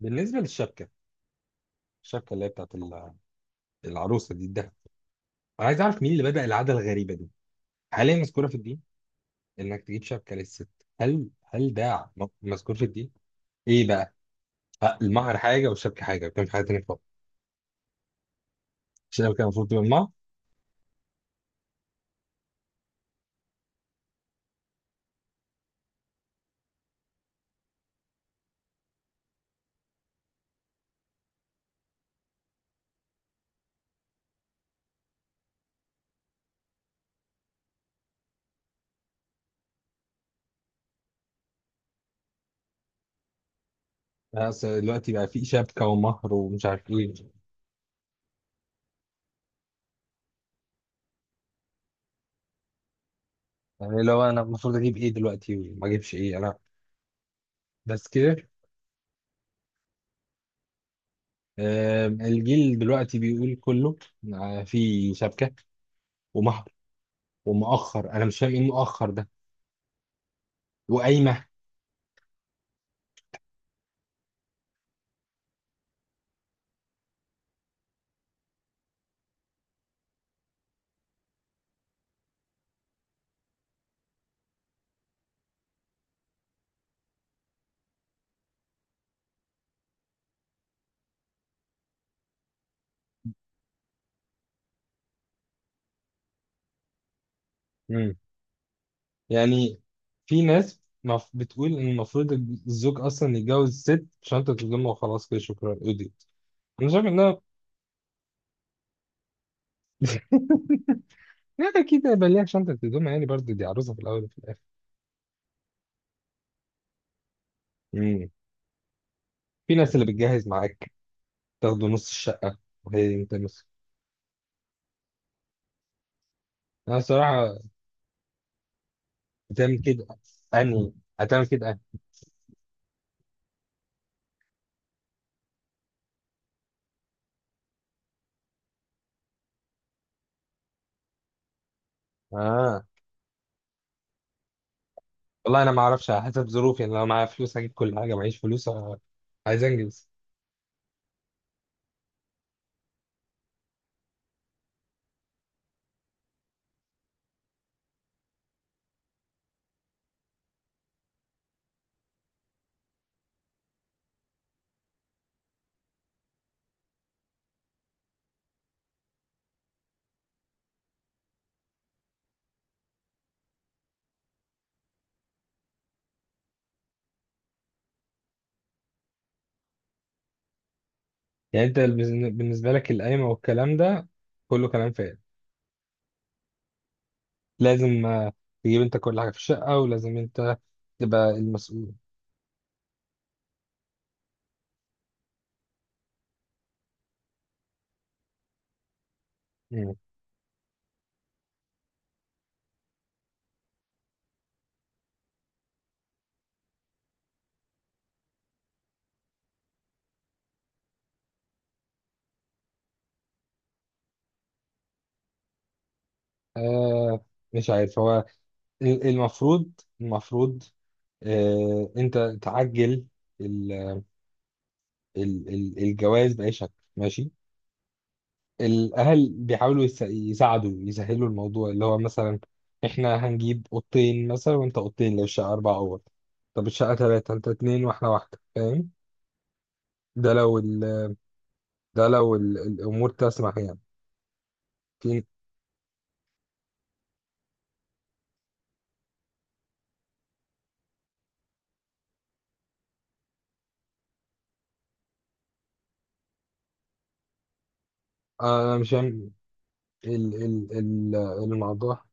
بالنسبه للشبكه، اللي هي العروسه دي الدهب. انا عايز اعرف مين اللي بدأ العاده الغريبه دي. هل هي مذكوره في الدين، انك تجيب شبكه للست؟ هل ده مذكور في الدين؟ ايه بقى؟ المهر حاجه والشبكه حاجه بتعمل حاجه تانيه خالص. الشبكه المفروض تبقى المهر. آه، بس دلوقتي بقى في شبكه ومهر ومش عارف ايه. يعني لو انا المفروض اجيب ايه دلوقتي وما اجيبش ايه انا؟ بس كده؟ الجيل دلوقتي بيقول كله آه، في شبكه ومهر ومؤخر. انا مش فاهم ايه المؤخر ده. وقايمه. يعني في ناس بتقول ان المفروض الزوج اصلا يتجوز ست شنطة هدوم وخلاص كده، شكرا قضيت. انا شايف انها لا، اكيد هيبقى ليها شنطة هدوم يعني، برضه دي عروسة في الاول وفي الاخر. مم. في ناس اللي بتجهز معاك، تاخده نص الشقة، وهي انت نص. انا الصراحة بتعمل كده، اني هتعمل كده أني. اه، والله انا ما اعرفش، على حسب ظروفي يعني. لو معايا فلوس هجيب كل حاجة، معيش فلوس آه، عايز انجز. يعني انت بالنسبة لك القايمة والكلام ده كله كلام فارغ. لازم آه، تجيب انت كل حاجه في الشقه، ولازم انت تبقى المسؤول. مم. آه، مش عارف. هو ال- المفروض المفروض آه انت تعجل ال ال ال الجواز بأي شكل ماشي. الأهل بيحاولوا يساعدوا يسهلوا الموضوع، اللي هو مثلا احنا هنجيب أوضتين مثلا وانت أوضتين لو الشقة أربع أوض. طب الشقة تلاتة، انت اتنين واحنا واحدة، فاهم؟ ده لو ال ده لو ال الأمور تسمح يعني. في، آه، أنا مش فاهم ال ال ال الأعضاء.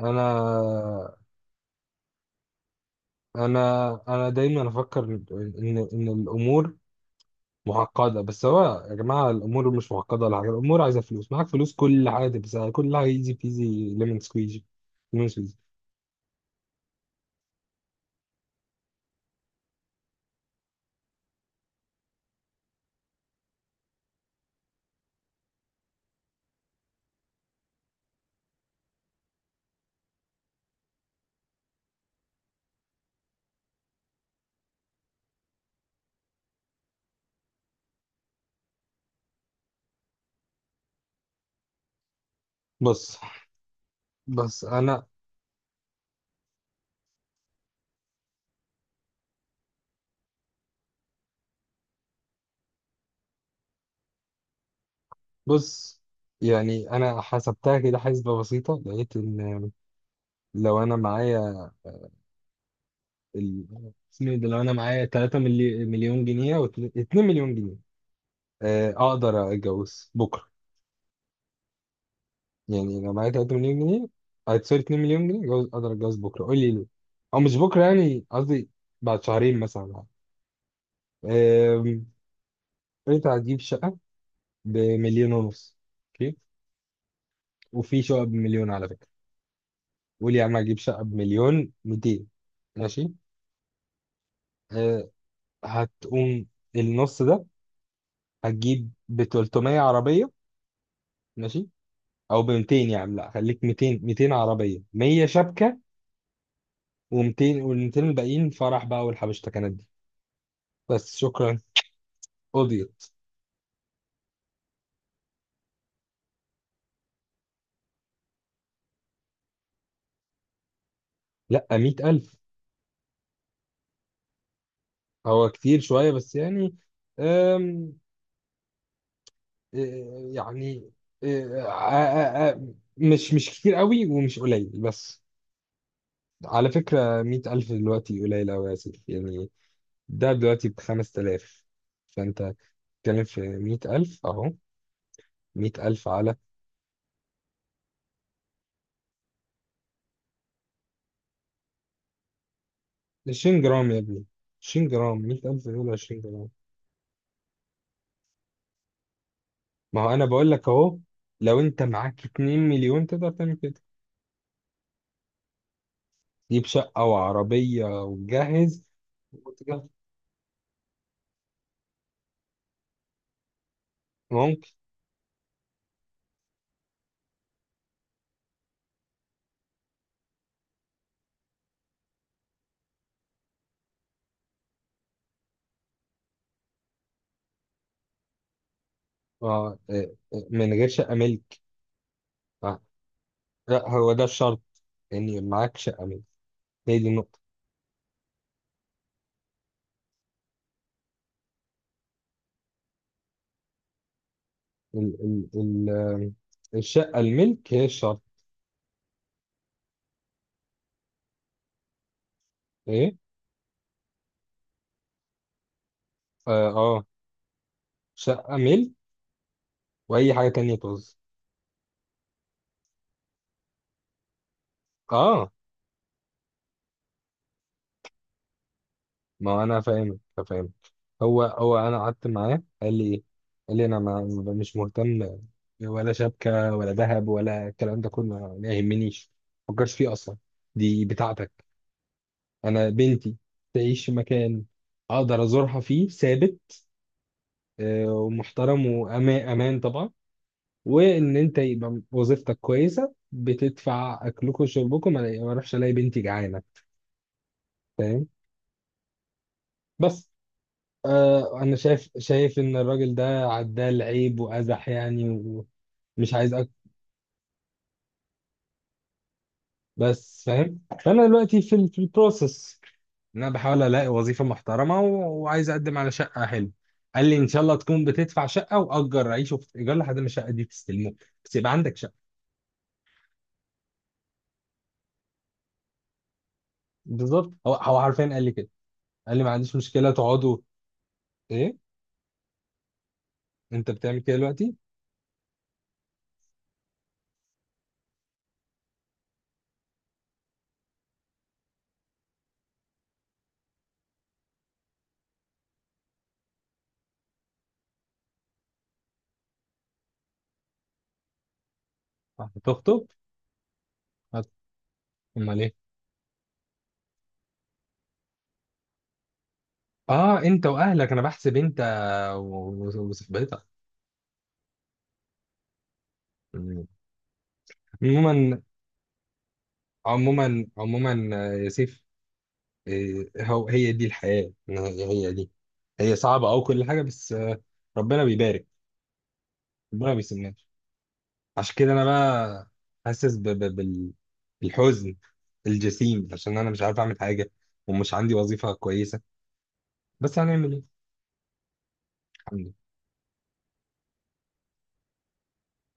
أنا أنا دايما أفكر إن الأمور معقدة. بس هو يا جماعة الأمور مش معقدة ولا حاجة. الأمور عايزة فلوس، معاك فلوس كل حاجة تبقى سهلة، كل حاجة إيزي بيزي، ليمون سكويجي، ليمون سكويجي. بص بص أنا، بص، يعني أنا حسبتها كده حسبة بسيطة. لقيت إن، لو أنا معايا ال... اسمه إيه ده، لو أنا معايا 3 مليون جنيه أو 2 مليون جنيه، آه، أقدر أتجوز بكرة. يعني لو معايا 3 مليون جنيه، آه، سوري، 2 مليون جنيه جوز، اقدر اتجوز بكره، قول لي ليه. او مش بكره يعني قصدي، بعد شهرين مثلا يعني. أم، انت هتجيب شقه بمليون ونص، اوكي. وفي شقه بمليون على فكره. قول يا عم هجيب شقه بمليون 200. ماشي. أه، هتقوم النص ده، هتجيب ب 300 عربيه. ماشي. او ب 200، يا عم لا خليك 200. 200 عربيه، 100 شبكه، و200، وال200 الباقيين فرح بقى والحبشتكنات دي. بس شكرا قضيت. لا، مية ألف. هو كتير شوية بس يعني. أم إيه، يعني إيه، مش كتير قوي ومش قليل بس. على فكرة مية ألف دلوقتي قليل أوي يا سيف يعني. ده دلوقتي بخمس تلاف. فأنت بتتكلم في مية ألف أهو. مية ألف على عشرين جرام يا ابني. عشرين جرام، مية ألف دول عشرين جرام. ما هو أنا بقول لك أهو، لو أنت معاك اتنين مليون تقدر تعمل كده. جيب شقة وعربية وتجهز. ممكن. آه، آه، آه، من غير شقة ملك. آه، لا هو ده الشرط، يعني معاك شقة ملك، هي دي النقطة. ال ال ال آه، الشقة الملك هي الشرط. ايه؟ اه، آه، شقة ملك. وأي حاجة تانية طز. اه، ما هو انا فاهمك، فاهم. هو هو انا قعدت معاه قال لي ايه؟ قال لي انا مش مهتم، ولا شبكه ولا ذهب ولا الكلام ده كله ما يهمنيش. ما فكرش فيه اصلا. دي بتاعتك. انا بنتي تعيش في مكان اقدر ازورها فيه ثابت، آه، ومحترم وامان طبعا. وان انت يبقى وظيفتك كويسه بتدفع اكلكم وشربكم، ما اروحش الاقي بنتي جعانه، فاهم. بس آه، انا شايف ان الراجل ده عدال عيب وازح يعني. ومش عايز أك... بس فاهم. فانا دلوقتي في ال... في البروسس، ان انا بحاول الاقي وظيفه محترمه و... وعايز اقدم على شقه حلوه. قال لي ان شاء الله تكون بتدفع شقه واجر عيش وفي ايجار لحد ما الشقه دي تستلموه، بس يبقى عندك شقه. بالظبط. هو هو حرفيا قال لي كده. قال لي ما عنديش مشكله تقعدوا. ايه؟ انت بتعمل كده دلوقتي؟ هتخطب؟ هت- امال ايه؟ اه، انت واهلك انا بحسب. انت وصاحبتك. عموما، عموما، عموما، آه، يا سيف، آه، هو هي دي الحياة، إن هي هي دي. هي صعبة أو كل حاجة، بس آه، ربنا بيبارك، ربنا بيسمناش. عشان كده أنا بقى حاسس بالحزن الجسيم، عشان أنا مش عارف أعمل حاجة، ومش عندي وظيفة كويسة. بس هنعمل إيه؟ الحمد لله،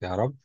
يا رب.